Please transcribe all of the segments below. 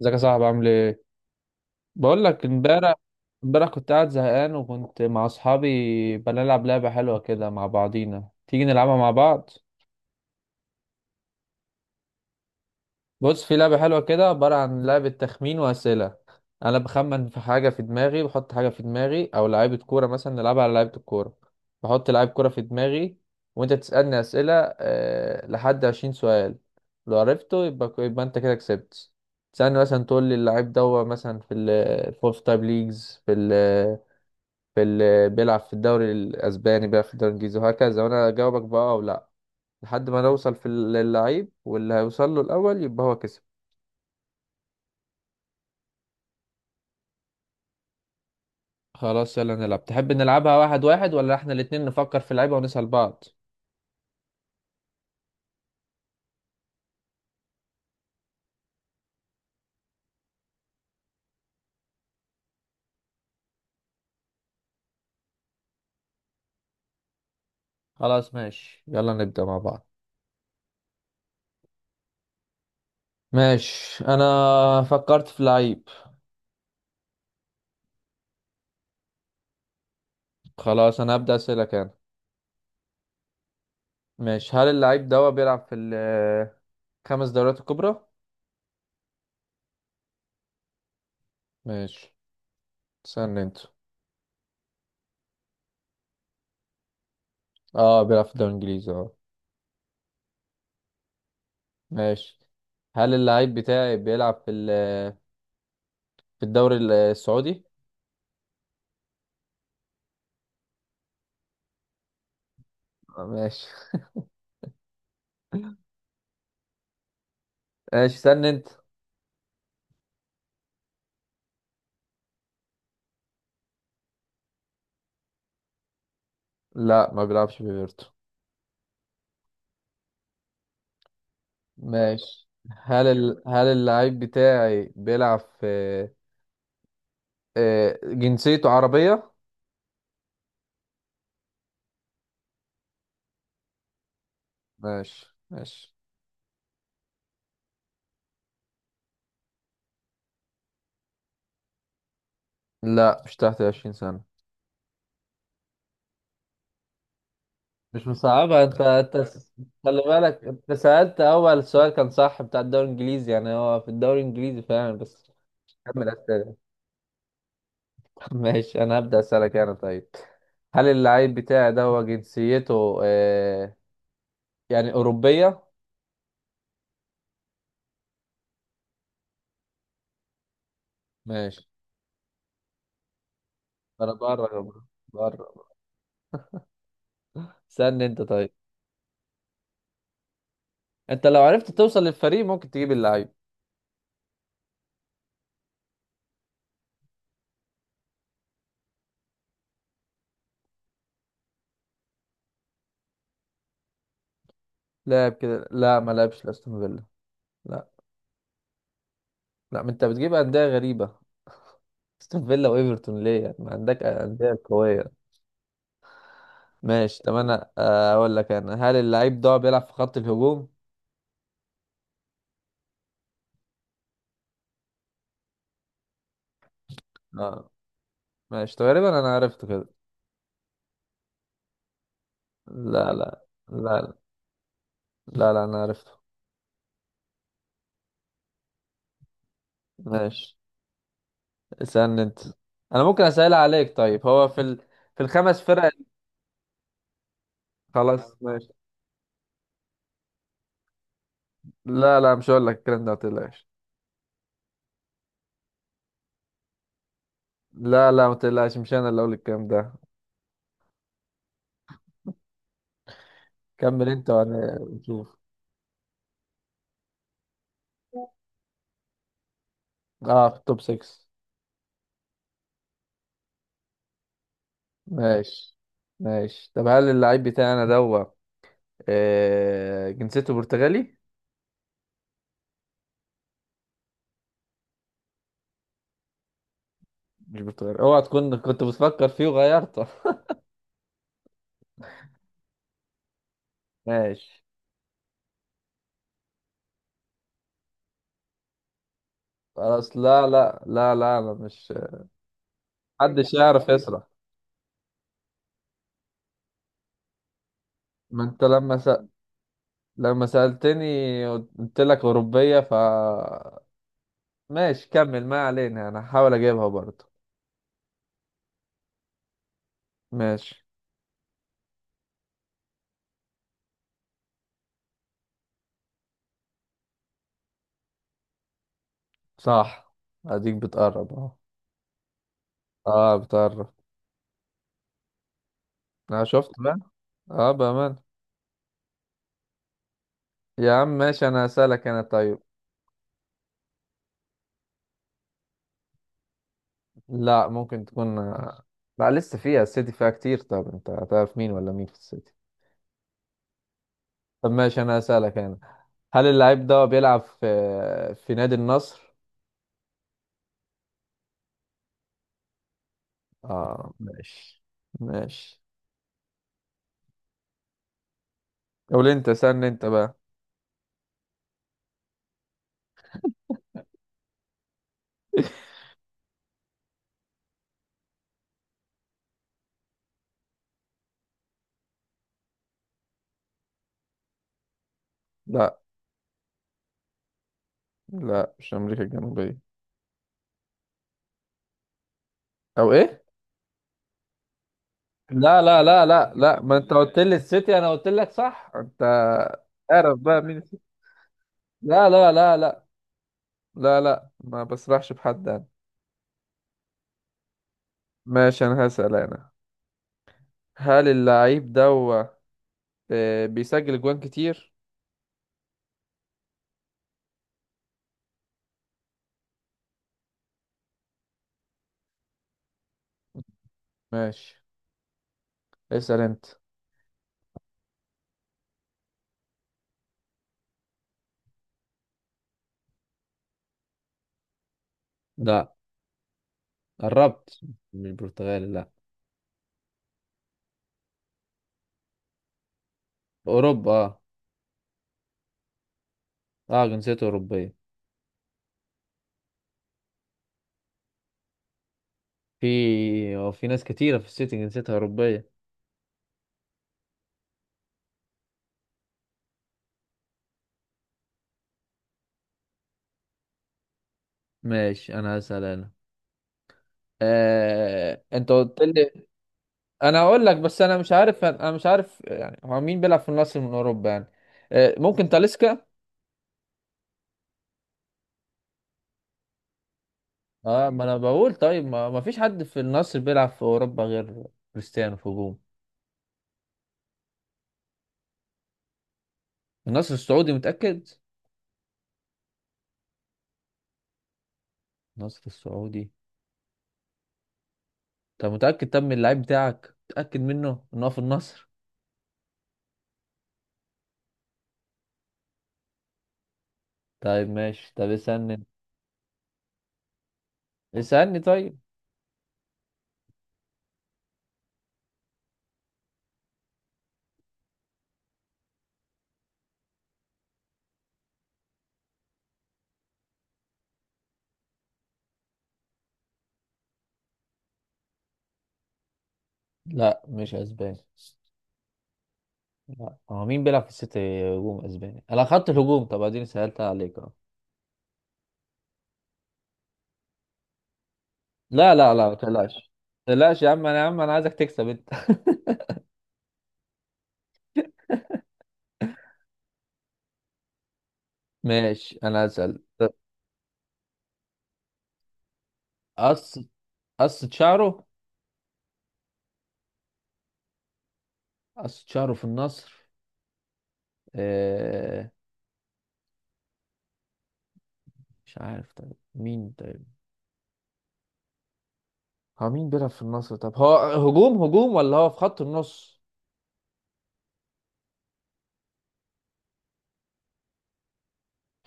ازيك يا صاحبي عامل ايه؟ بقول لك امبارح، كنت قاعد زهقان وكنت مع اصحابي بنلعب لعبه حلوه كده مع بعضينا. تيجي نلعبها مع بعض؟ بص، في لعبه حلوه كده عباره عن لعبه تخمين واسئله. انا بخمن في حاجه في دماغي، بحط حاجه في دماغي او لعيبه كوره مثلا، نلعبها على لعيبه الكوره. بحط لعيب كوره في دماغي وانت تسالني اسئله، أه لحد 20 سؤال. لو عرفته يبقى انت كده كسبت. تسألني مثلا تقول لي اللعيب ده هو مثلا في ال في تايب ليجز، في بيلعب في الدوري الاسباني، بيلعب في الدوري الانجليزي وهكذا، وانا اجاوبك بقى او لا، لحد ما نوصل للعيب، واللي هيوصل له الاول يبقى هو كسب. خلاص يلا نلعب. تحب نلعبها واحد واحد، ولا احنا الاتنين نفكر في اللعيبة ونسأل بعض؟ خلاص ماشي، يلا نبدأ مع بعض. ماشي، انا فكرت في لعيب. خلاص انا هبدأ اسألك انا. ماشي، هل اللعيب ده بيلعب في الخمس دوريات الكبرى؟ ماشي، استنى انت. اه بيلعب في الدوري الانجليزي، اه. ماشي، هل اللعيب بتاعي بيلعب في الدوري السعودي؟ ماشي. استنى انت. لا ما بيلعبش في بيرتو. ماشي، هل اللعيب بتاعي بيلعب في آه، جنسيته عربية؟ ماشي، ماشي. لا، مش تحت 20 سنة. مش مصعبة. خلي بالك، انت سألت اول سؤال كان صح بتاع الدوري الانجليزي، يعني هو في الدوري الانجليزي فعلا، بس كمل اسئلة. ماشي انا هبدأ اسألك انا طيب. هل اللعيب بتاعي ده هو جنسيته يعني أوروبية؟ ماشي. انا بره، بره. استنى انت طيب. انت لو عرفت توصل للفريق ممكن تجيب اللعيب. لاعب كده، لا ما لعبش لاستون فيلا. لا. لا، ما انت بتجيب أندية غريبة. استون فيلا وايفرتون ليه؟ يعني ما عندك أندية قوية. ماشي، طب انا آه، اقول لك انا، هل اللعيب ده بيلعب في خط الهجوم؟ اه ماشي، تقريبا انا عرفته كده. لا، لا لا لا، انا عرفته. ماشي، اسألني انت. انا ممكن اسأل عليك طيب. في الخمس فرق؟ خلاص ماشي. لا لا، مش هقول لك الكلام ده، ما تقلقش. لا لا، ما تقلقش، مش انا اللي اقول الكلام ده. كمل انت وانا نشوف. اه في التوب 6. ماشي. ماشي، طب هل اللعيب بتاعي انا دوت آه، جنسيته برتغالي؟ مش برتغالي؟ اوعى تكون كنت بتفكر فيه وغيرته. ماشي. خلاص، لا، انا مش، محدش يعرف يسرح. ما انت لما سألتني قلت لك أوروبية، ف ماشي كمل، ما علينا، أنا هحاول أجيبها برضه. ماشي، صح. أديك بتقرب أهو. أه بتقرب. أنا شفت بقى. أه بأمان يا عم. ماشي، أنا هسألك أنا طيب. لا، ممكن تكون. لا، لسه فيها، السيتي فيها كتير، طب أنت هتعرف مين ولا مين في السيتي؟ طب ماشي، أنا هسألك أنا، هل اللاعب ده بيلعب في نادي النصر؟ أه ماشي. ماشي. قول أنت، سألني أنت بقى. لا لا، مش امريكا الجنوبيه. او ايه. لا، امريكا، لا، ما انت قلت الجنوبيه، لي السيتي انا قلت لك صح انت. اعرف بقى مين السيتي. لا، لا، ما بسرحش بحد انا. ماشي، انا هسأل انا، هل اللعيب ده هو آه، بيسجل جوان كتير؟ ماشي، اسأل انت. لا، قربت. مش برتغالي لا. اوروبا اه. اه جنسيته اوروبيه. في، هو في ناس كتيره في السيتي جنسيتها اوروبيه. ماشي انا هسأل انا. آه... انت قلت لي. انا اقول لك بس، انا مش عارف، انا مش عارف يعني هو مين بيلعب في النصر من اوروبا يعني. آه، ممكن تاليسكا. اه، ما انا بقول، طيب ما فيش حد في النصر بيلعب في اوروبا غير كريستيانو في هجوم النصر السعودي، متأكد؟ النصر السعودي. طب متأكد؟ طب من اللعيب بتاعك متأكد منه ان هو في النصر؟ طيب ماشي، طب اسألني. اسألني طيب. لا مش اسباني. لا، هو مين بيلعب في السيتي هجوم اسباني؟ انا خدت الهجوم، طب اديني سألت عليك. لا، ما تقلقش. ما تقلقش يا عم، انا يا عم انا عايزك تكسب انت. ماشي انا هسأل. قص، قصة شعره. قصة شعره في النصر؟ آه... مش عارف طيب، مين طيب؟ هو مين بيلعب في النصر؟ طب هو هجوم، هجوم ولا هو في خط النص؟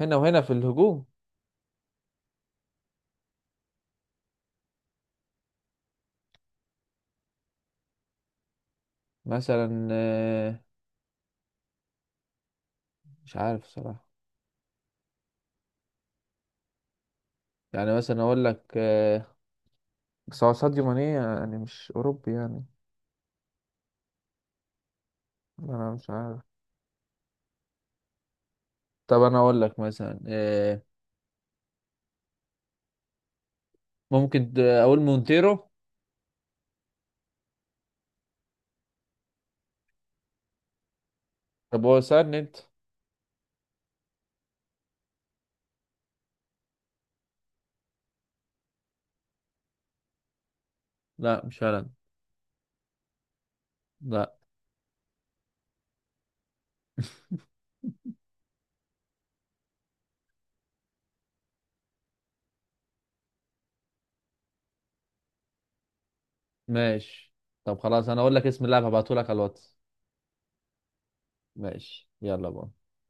هنا وهنا في الهجوم؟ مثلا آه... مش عارف صراحة. يعني مثلا اقول لك آه... بس هو ساديو ماني يعني مش اوروبي يعني. انا مش عارف. طب انا اقول لك مثلا آه... ممكن اقول مونتيرو. طب هو سهل انت. لا مش هالاند. لا. ماشي. طب خلاص انا اقول لك اسم اللاعب، هبعته لك على الواتس. ماشي، يلا بقى.